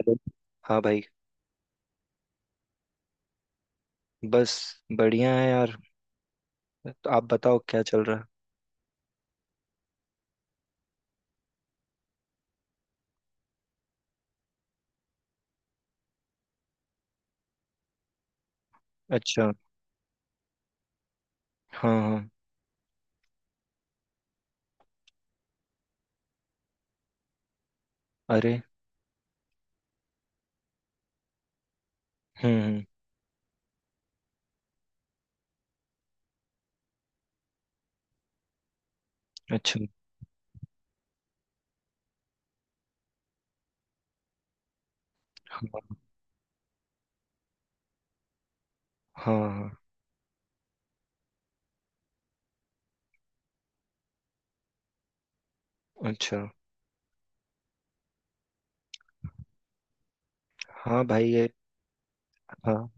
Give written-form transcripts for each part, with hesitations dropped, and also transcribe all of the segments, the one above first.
Hello. हाँ भाई। बस। बढ़िया है यार। तो आप बताओ क्या चल रहा है। अच्छा। हाँ हाँ। अरे। हम्म। अच्छा। हाँ हाँ। अच्छा। हाँ भाई ये। हाँ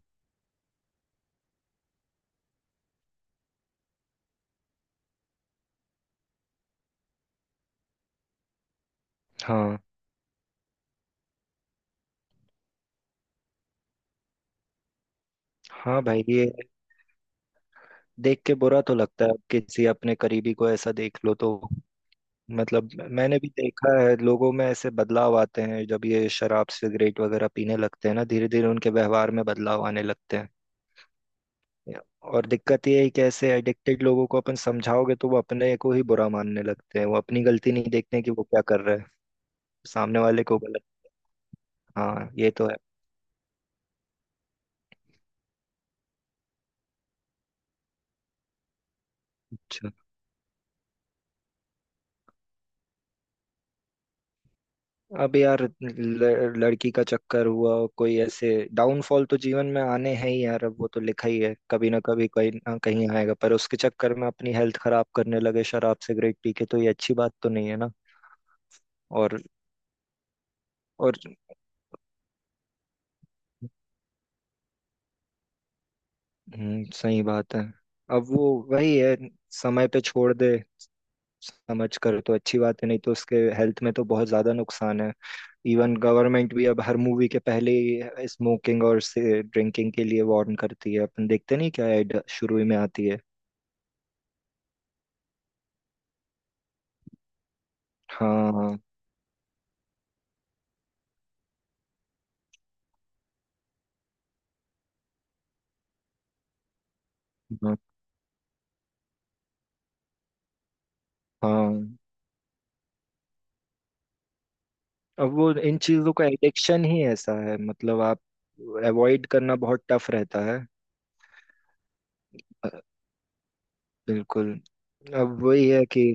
हाँ। हाँ भाई ये देख के बुरा तो लगता है, किसी अपने करीबी को ऐसा देख लो तो। मतलब मैंने भी देखा है, लोगों में ऐसे बदलाव आते हैं जब ये शराब सिगरेट वगैरह पीने लगते हैं ना, धीरे धीरे उनके व्यवहार में बदलाव आने लगते हैं। और दिक्कत ये है कि ऐसे एडिक्टेड लोगों को अपन समझाओगे तो वो अपने को ही बुरा मानने लगते हैं, वो अपनी गलती नहीं देखते कि वो क्या कर रहे हैं। सामने वाले को गलत। हाँ ये तो है। अच्छा। अब यार लड़की का चक्कर हुआ, कोई ऐसे डाउनफॉल तो जीवन में आने हैं ही यार। अब वो तो लिखा ही है, कभी ना कभी कहीं ना कहीं आएगा। पर उसके चक्कर में अपनी हेल्थ खराब करने लगे, शराब सिगरेट पी के, तो ये अच्छी बात तो नहीं है ना। और और सही बात है। अब वो वही है। समय पे छोड़ दे समझ कर तो अच्छी बात है, नहीं तो उसके हेल्थ में तो बहुत ज्यादा नुकसान है। इवन गवर्नमेंट भी अब हर मूवी के पहले ही स्मोकिंग और से ड्रिंकिंग के लिए वार्न करती है। अपन देखते नहीं क्या, ऐड शुरू ही में आती है। हाँ। हाँ। हाँ। अब वो इन चीजों का एडिक्शन ही ऐसा है, मतलब आप अवॉइड करना बहुत टफ रहता है। अ, बिल्कुल। अब वही है कि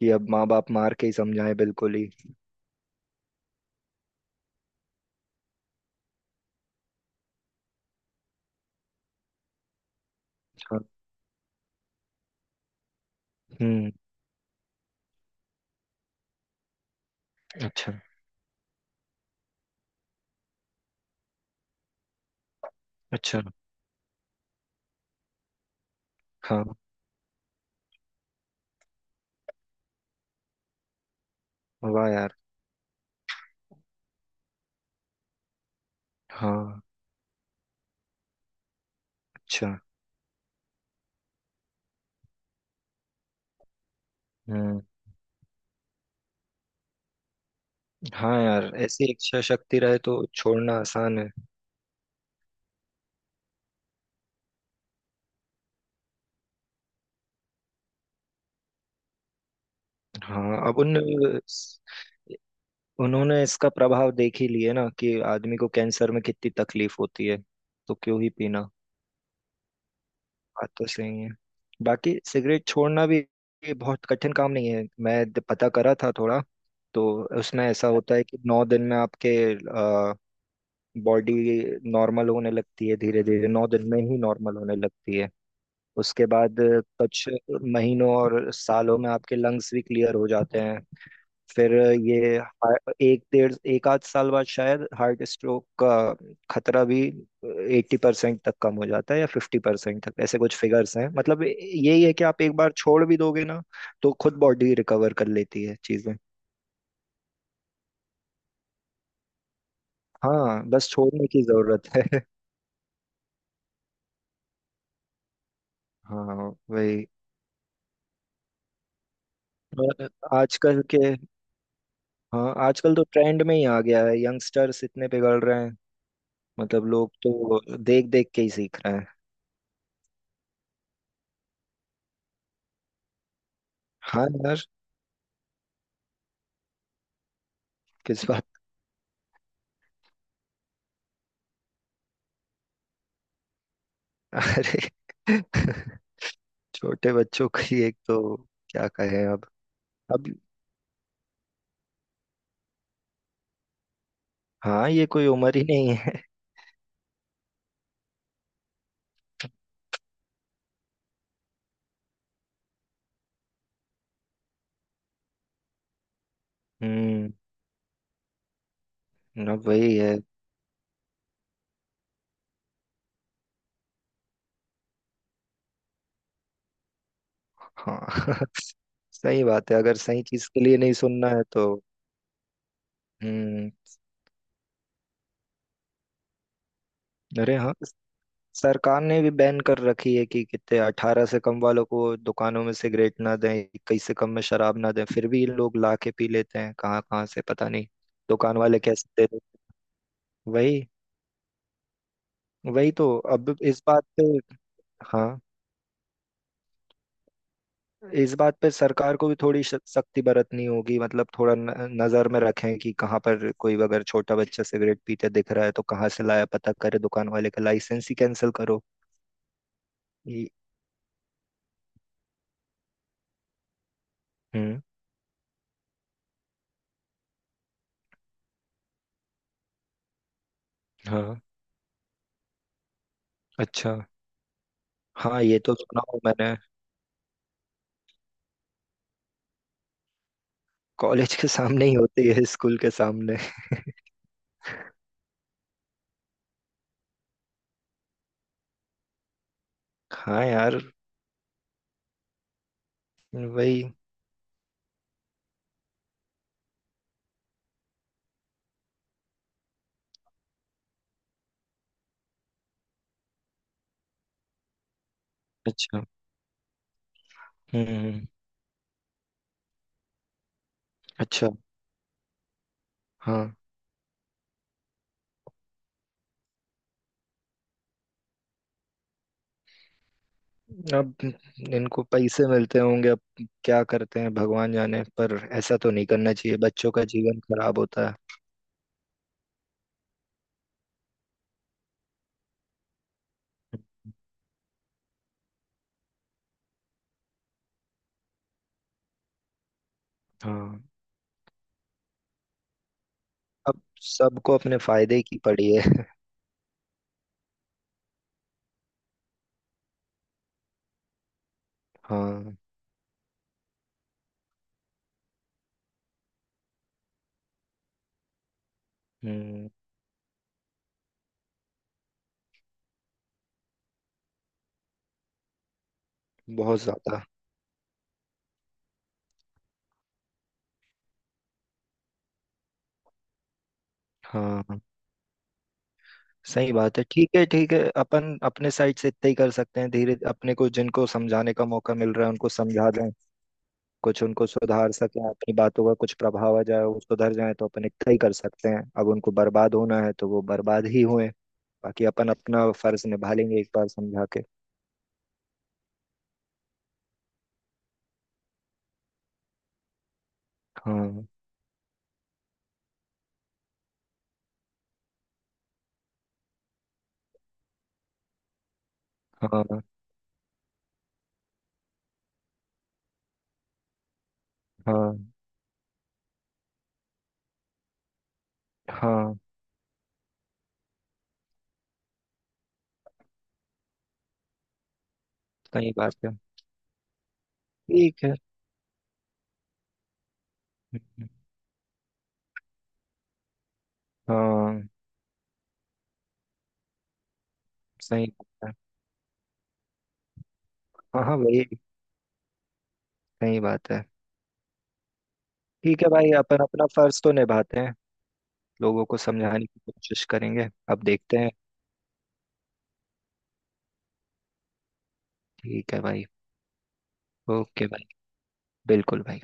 कि अब माँ बाप मार के ही समझाएं, बिल्कुल ही। हाँ। हम्म। अच्छा। अच्छा। हाँ। वाह यार। हाँ। अच्छा। हम्म। हाँ यार, ऐसी इच्छा शक्ति रहे तो छोड़ना आसान है। हाँ अब उन उन्होंने इसका प्रभाव देख ही लिए ना, कि आदमी को कैंसर में कितनी तकलीफ होती है। तो क्यों ही पीना। बात तो सही है। बाकी सिगरेट छोड़ना भी ये बहुत कठिन काम नहीं है। मैं पता करा था थोड़ा। तो उसमें ऐसा होता है कि 9 दिन में आपके बॉडी नॉर्मल होने लगती है, धीरे धीरे 9 दिन में ही नॉर्मल होने लगती है। उसके बाद कुछ महीनों और सालों में आपके लंग्स भी क्लियर हो जाते हैं। फिर ये एक डेढ़ एक आध साल बाद शायद हार्ट स्ट्रोक का खतरा भी 80% तक कम हो जाता है, या 50% तक, ऐसे कुछ फिगर्स हैं। मतलब यही है कि आप एक बार छोड़ भी दोगे ना तो खुद बॉडी रिकवर कर लेती है चीजें। हाँ, बस छोड़ने की जरूरत है। हाँ वही। और आजकल के। हाँ आजकल तो ट्रेंड में ही आ गया है, यंगस्टर्स इतने पिघल रहे हैं। मतलब लोग तो देख देख के ही सीख रहे हैं। हाँ यार। किस बात। अरे। छोटे बच्चों की एक तो, क्या कहे अब। अब। हाँ ये कोई उम्र ही नहीं है। हम्म। अब वही है। हाँ। सही बात है, अगर सही चीज के लिए नहीं सुनना है तो। हम्म। अरे हाँ। सरकार ने भी बैन कर रखी है कि कितने 18 से कम वालों को दुकानों में सिगरेट ना दें, 21 से कम में शराब ना दें, फिर भी लोग ला के पी लेते हैं कहाँ कहाँ से पता नहीं। दुकान वाले कैसे दे दें। वही। वही तो। अब इस बात पे, हाँ, इस बात पे सरकार को भी थोड़ी सख्ती बरतनी होगी। मतलब थोड़ा न, नजर में रखें कि कहाँ पर कोई अगर छोटा बच्चा सिगरेट पीते दिख रहा है तो कहाँ से लाया पता करे, दुकान वाले का लाइसेंस ही कैंसिल करो। ये- हम्म। हाँ। अच्छा। हाँ ये तो सुना हूँ मैंने। कॉलेज के सामने ही होती है, स्कूल के सामने। हाँ यार। वही। अच्छा। हम्म। अच्छा। हाँ। अब इनको पैसे मिलते होंगे अब। क्या करते हैं भगवान जाने, पर ऐसा तो नहीं करना चाहिए, बच्चों का जीवन खराब होता है। हाँ। अब सबको अपने फायदे की पड़ी है। हाँ। हम्म। बहुत ज्यादा। हाँ सही बात है। ठीक है, ठीक है, अपन अपने साइड से इतना ही कर सकते हैं। धीरे अपने को जिनको समझाने का मौका मिल रहा है उनको समझा दें, कुछ उनको सुधार सकें, अपनी बातों का कुछ प्रभाव आ जाए, वो सुधर जाए तो। अपन इतना ही कर सकते हैं, अब उनको बर्बाद होना है तो वो बर्बाद ही हुए। बाकी अपन अपना फर्ज निभा लेंगे एक बार समझा के। हाँ। हाँ। हाँ। हाँ सही बात है। ठीक है। हम्म, हाँ सही बात है। हाँ हाँ वही। सही बात है। ठीक है भाई, अपन अपना फर्ज तो निभाते हैं। लोगों को समझाने की कोशिश करेंगे, अब देखते हैं। ठीक है भाई। ओके भाई। बिल्कुल भाई।